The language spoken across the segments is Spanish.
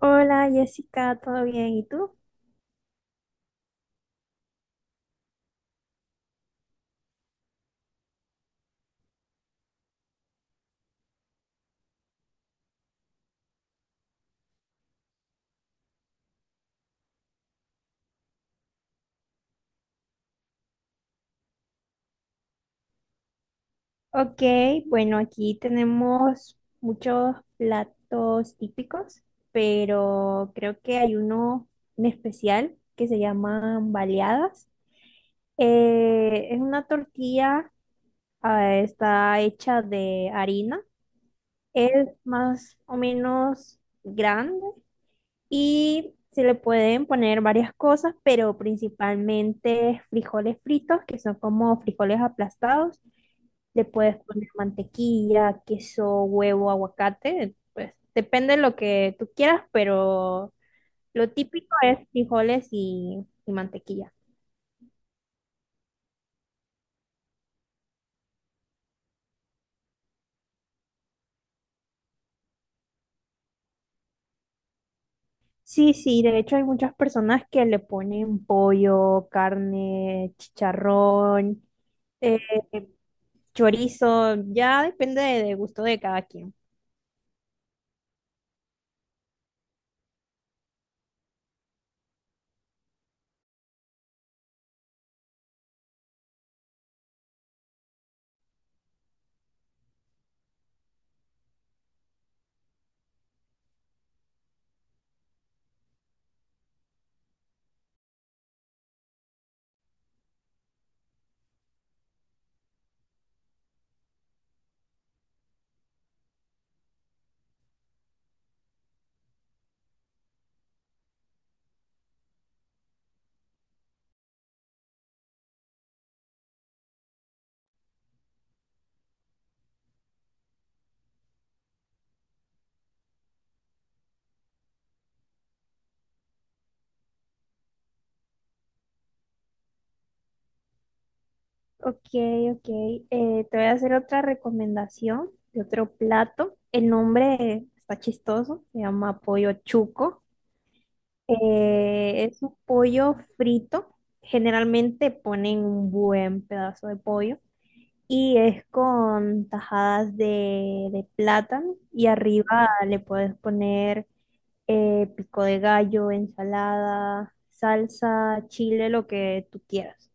Hola Jessica, ¿todo bien? ¿Y tú? Ok, bueno, aquí tenemos muchos platos típicos, pero creo que hay uno en especial que se llaman baleadas. Es una tortilla, está hecha de harina, es más o menos grande y se le pueden poner varias cosas, pero principalmente frijoles fritos, que son como frijoles aplastados. Le puedes poner mantequilla, queso, huevo, aguacate, pues depende de lo que tú quieras, pero lo típico es frijoles y mantequilla. Sí, sí, de hecho hay muchas personas que le ponen pollo, carne, chicharrón, eh, chorizo, ya depende de gusto de cada quien. Ok, ok. Te voy a hacer otra recomendación de otro plato. El nombre está chistoso, se llama pollo chuco. Es un pollo frito. Generalmente ponen un buen pedazo de pollo, y es con tajadas de plátano, y arriba le puedes poner pico de gallo, ensalada, salsa, chile, lo que tú quieras.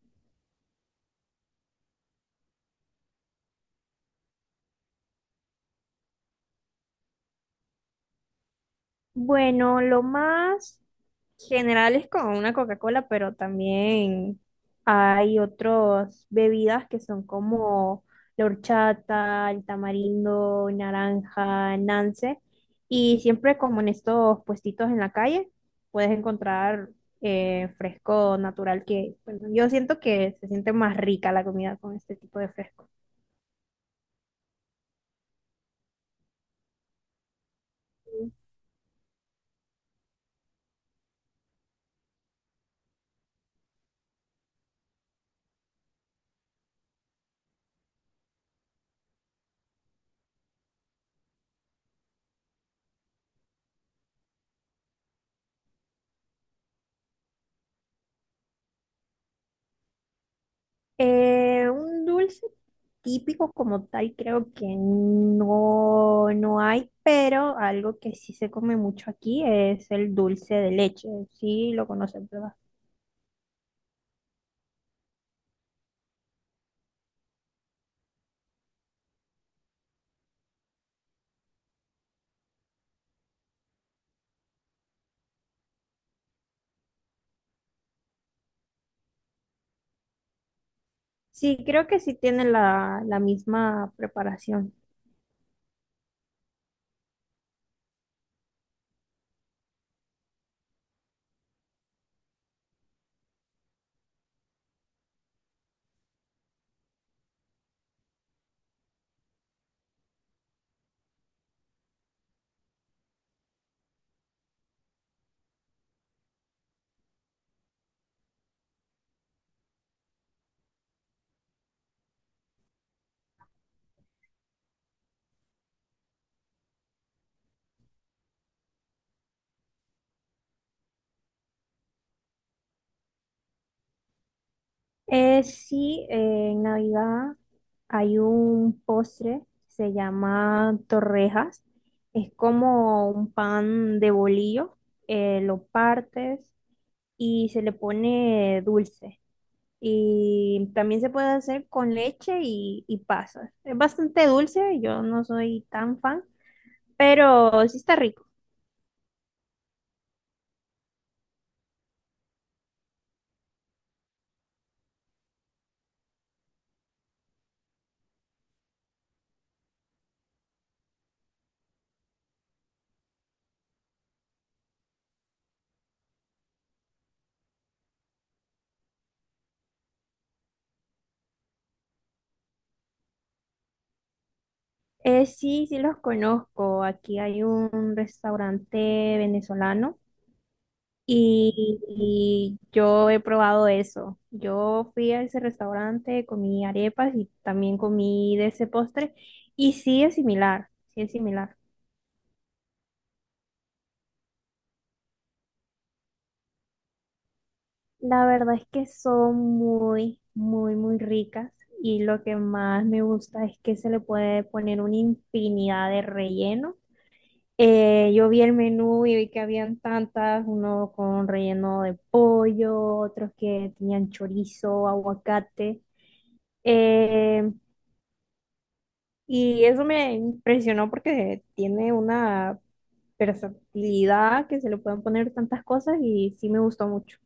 Bueno, lo más generales con una Coca-Cola, pero también hay otras bebidas que son como la horchata, el tamarindo, naranja, nance. Y siempre como en estos puestitos en la calle, puedes encontrar fresco natural que, bueno, yo siento que se siente más rica la comida con este tipo de fresco. Un dulce típico como tal creo que no, no hay, pero algo que sí se come mucho aquí es el dulce de leche. Sí, lo conocen, ¿verdad? Sí, creo que sí tiene la misma preparación. Sí, en Navidad hay un postre, se llama torrejas. Es como un pan de bolillo, lo partes y se le pone dulce. Y también se puede hacer con leche y pasas. Es bastante dulce, yo no soy tan fan, pero sí está rico. Sí, sí los conozco. Aquí hay un restaurante venezolano y yo he probado eso. Yo fui a ese restaurante, comí arepas y también comí de ese postre y sí es similar, sí es similar. La verdad es que son muy, muy, muy ricas, y lo que más me gusta es que se le puede poner una infinidad de relleno. Yo vi el menú y vi que habían tantas, uno con relleno de pollo, otros que tenían chorizo, aguacate. eh, y eso me impresionó porque tiene una versatilidad que se le pueden poner tantas cosas, y sí me gustó mucho.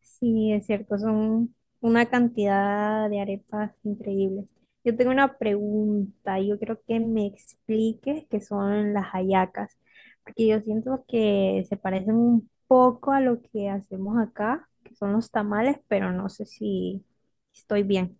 Sí, es cierto, son una cantidad de arepas increíbles. Yo tengo una pregunta, yo creo que me expliques qué son las hallacas, porque yo siento que se parecen un poco a lo que hacemos acá, que son los tamales, pero no sé si estoy bien.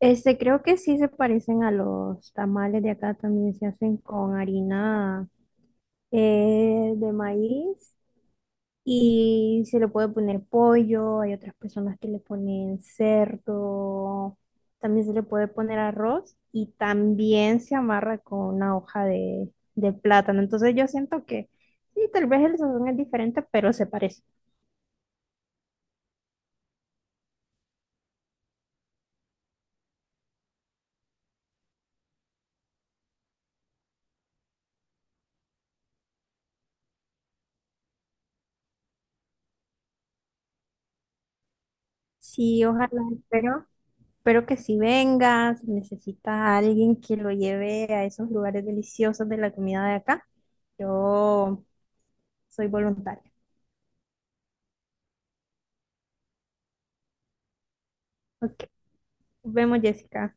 Este, creo que sí se parecen a los tamales de acá, también se hacen con harina de maíz. Y se le puede poner pollo, hay otras personas que le ponen cerdo, también se le puede poner arroz, y también se amarra con una hoja de plátano. Entonces yo siento que sí, tal vez el sazón es diferente, pero se parece. Sí, ojalá, espero, espero que si vengas, si necesitas a alguien que lo lleve a esos lugares deliciosos de la comida de acá, yo soy voluntaria. Ok, nos vemos, Jessica.